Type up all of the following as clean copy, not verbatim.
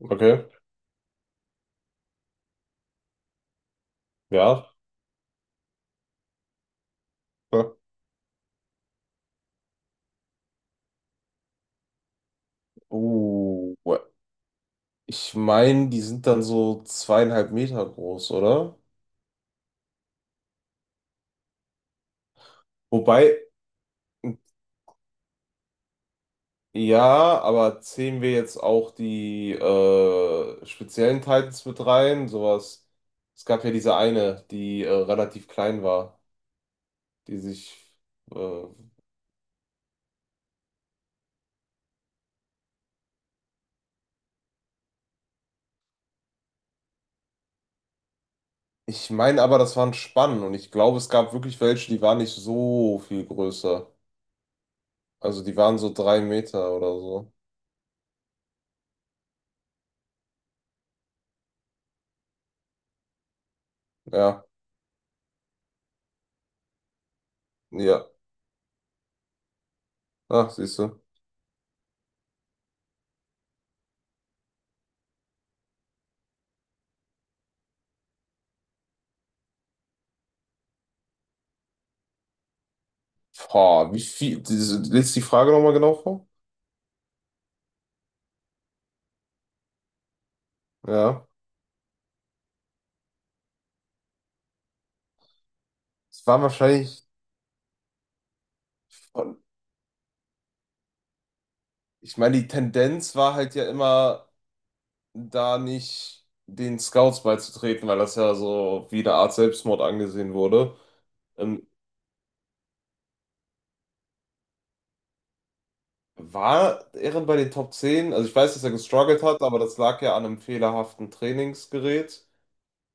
Okay, ja. Ja. Oh, ich meine, die sind dann so 2,5 m groß, oder? Wobei, ja, aber zählen wir jetzt auch die speziellen Titans mit rein? Sowas. Es gab ja diese eine, die relativ klein war, die sich. Äh, Ich meine aber, das waren Spannen und ich glaube, es gab wirklich welche, die waren nicht so viel größer. Also die waren so 3 m oder so. Ja, ja. Ach, siehst du. Boah, wie viel, diese, liest die Frage nochmal genau vor? Ja. Es waren wahrscheinlich, Ich meine, die Tendenz war halt ja immer, da nicht den Scouts beizutreten, weil das ja so wie eine Art Selbstmord angesehen wurde. Ähm, War Ehren bei den Top 10? Also ich weiß, dass er gestruggelt hat, aber das lag ja an einem fehlerhaften Trainingsgerät.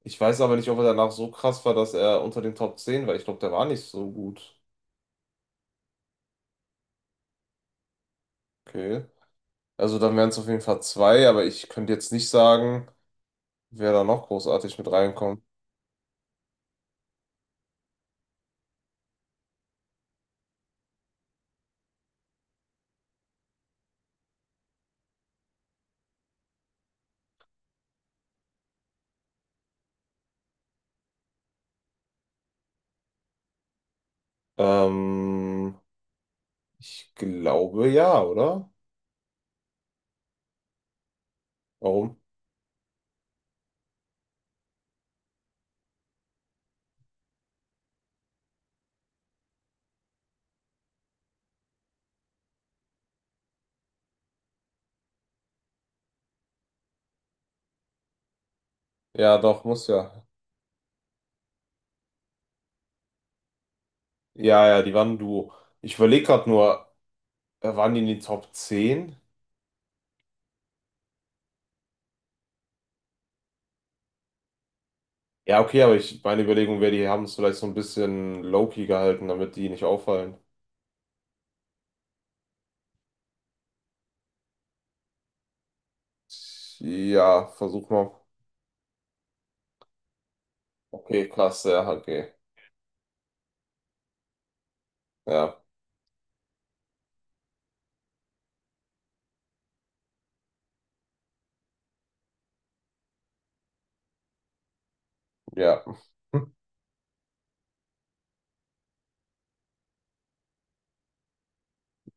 Ich weiß aber nicht, ob er danach so krass war, dass er unter den Top 10 war. Ich glaube, der war nicht so gut. Okay. Also dann wären es auf jeden Fall zwei, aber ich könnte jetzt nicht sagen. Wer da noch großartig mit reinkommt? Ähm, Ich glaube ja, oder? Warum? Ja, doch, muss ja. Ja, ja, die waren ein Duo. Ich überlege gerade nur, waren die in den Top 10? Ja, okay, aber meine Überlegung wäre, die haben es vielleicht so ein bisschen low-key gehalten, damit die nicht auffallen. Ja, versuch mal. Okay, klasse, ja, okay. Ja, ja,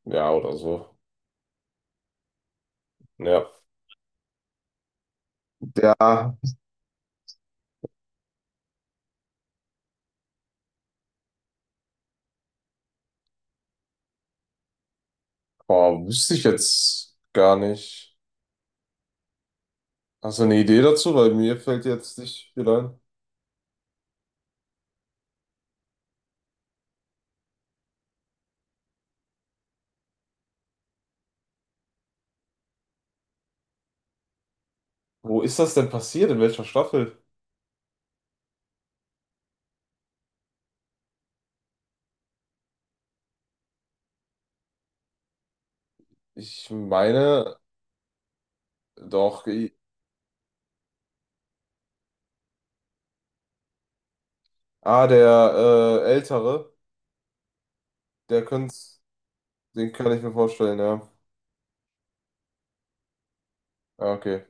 ja, oder so. Ja. Ja, boah, wüsste ich jetzt gar nicht. Hast du eine Idee dazu? Weil mir fällt jetzt nicht viel ein. Wo ist das denn passiert? In welcher Staffel? Ich meine doch. Ah, der Ältere, der könnt's, den kann ich mir vorstellen, ja. Ja, okay.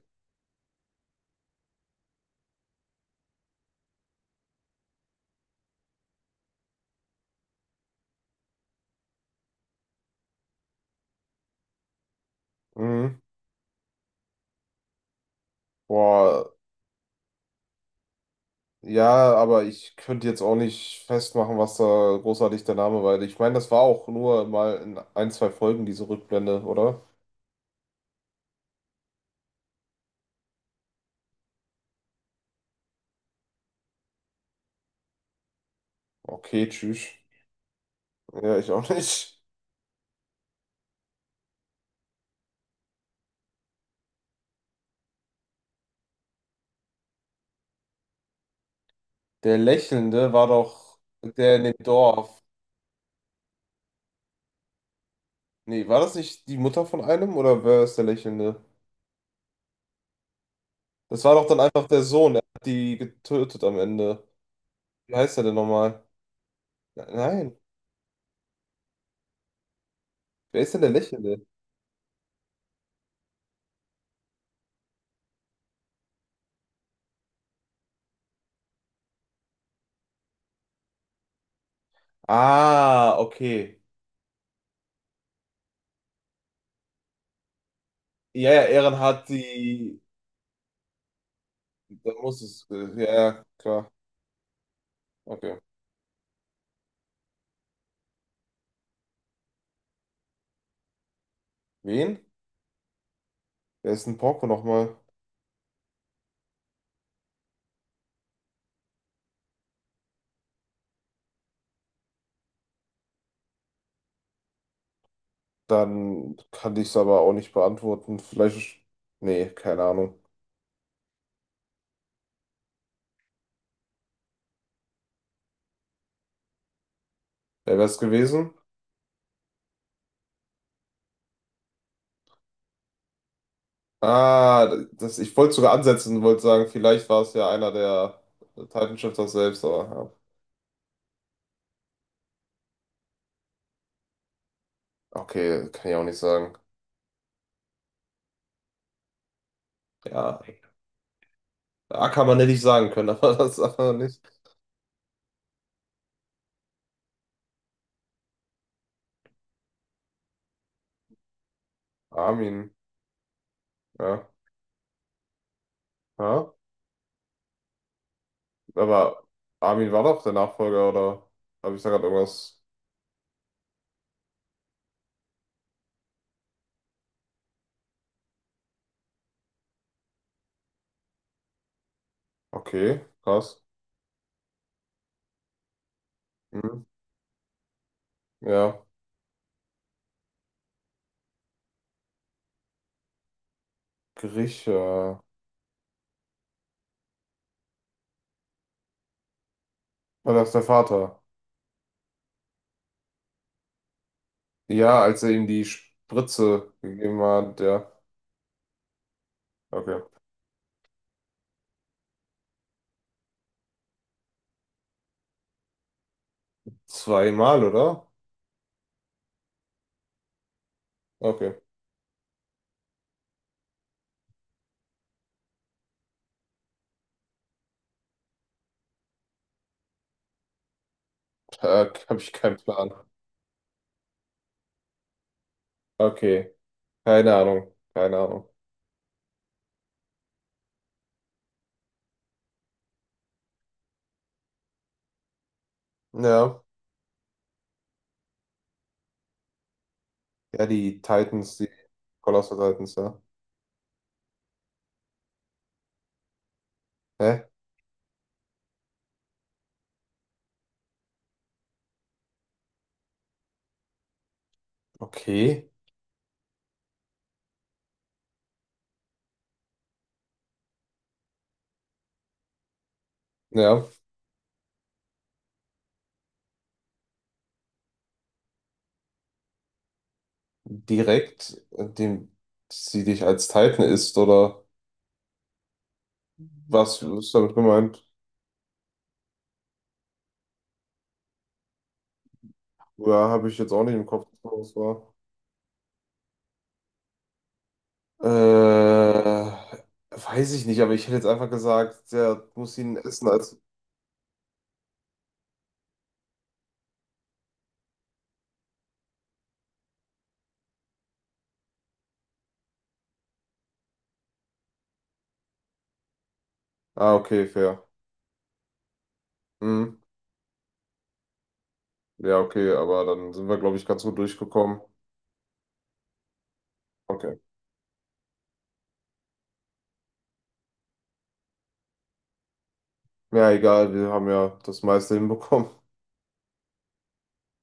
Mhm. Boah, ja, aber ich könnte jetzt auch nicht festmachen, was da großartig der Name war. Ich meine, das war auch nur mal in ein, zwei Folgen diese Rückblende, oder? Okay, tschüss. Ja, ich auch nicht. Der Lächelnde war doch der in dem Dorf. Nee, war das nicht die Mutter von einem oder wer ist der Lächelnde? Das war doch dann einfach der Sohn, er hat die getötet am Ende. Wie heißt er denn nochmal? Nein, wer ist denn der Lächelnde? Ah, okay. Ja, ja, Eren hat die. Da muss es. Ja, ja, klar. Okay. Wen? Wer ist denn Porco nochmal? Dann kann ich es aber auch nicht beantworten. Vielleicht. Nee, keine Ahnung. Wer wäre es gewesen? Ah, das, ich wollte sogar ansetzen und wollte sagen, vielleicht war es ja einer der Titan Shifter selbst, aber ja. Okay, kann ich auch nicht sagen. Ja, da kann man nicht sagen können, aber das sagt man nicht. Armin, ja. Ja, aber Armin war doch der Nachfolger, oder habe ich da gerade irgendwas? Okay, krass. Hm. Ja, Grieche. War das der Vater? Ja, als er ihm die Spritze gegeben hat, ja. Okay. Zweimal, oder? Okay. Da habe ich keinen Plan. Okay, keine Ahnung, keine Ahnung. Ja, ja, die Titans, die Colossal Titans, ja. Hä? Okay, ja, direkt, indem sie dich als Titan isst, oder was ist damit gemeint? Ja, habe ich jetzt auch nicht im Kopf, was das war. Äh, Weiß ich nicht, aber ich hätte jetzt einfach gesagt, der muss ihn essen als. Ah, okay, fair. Hm. Ja, okay, aber dann sind wir, glaube ich, ganz gut durchgekommen. Okay. Ja, egal, wir haben ja das meiste hinbekommen.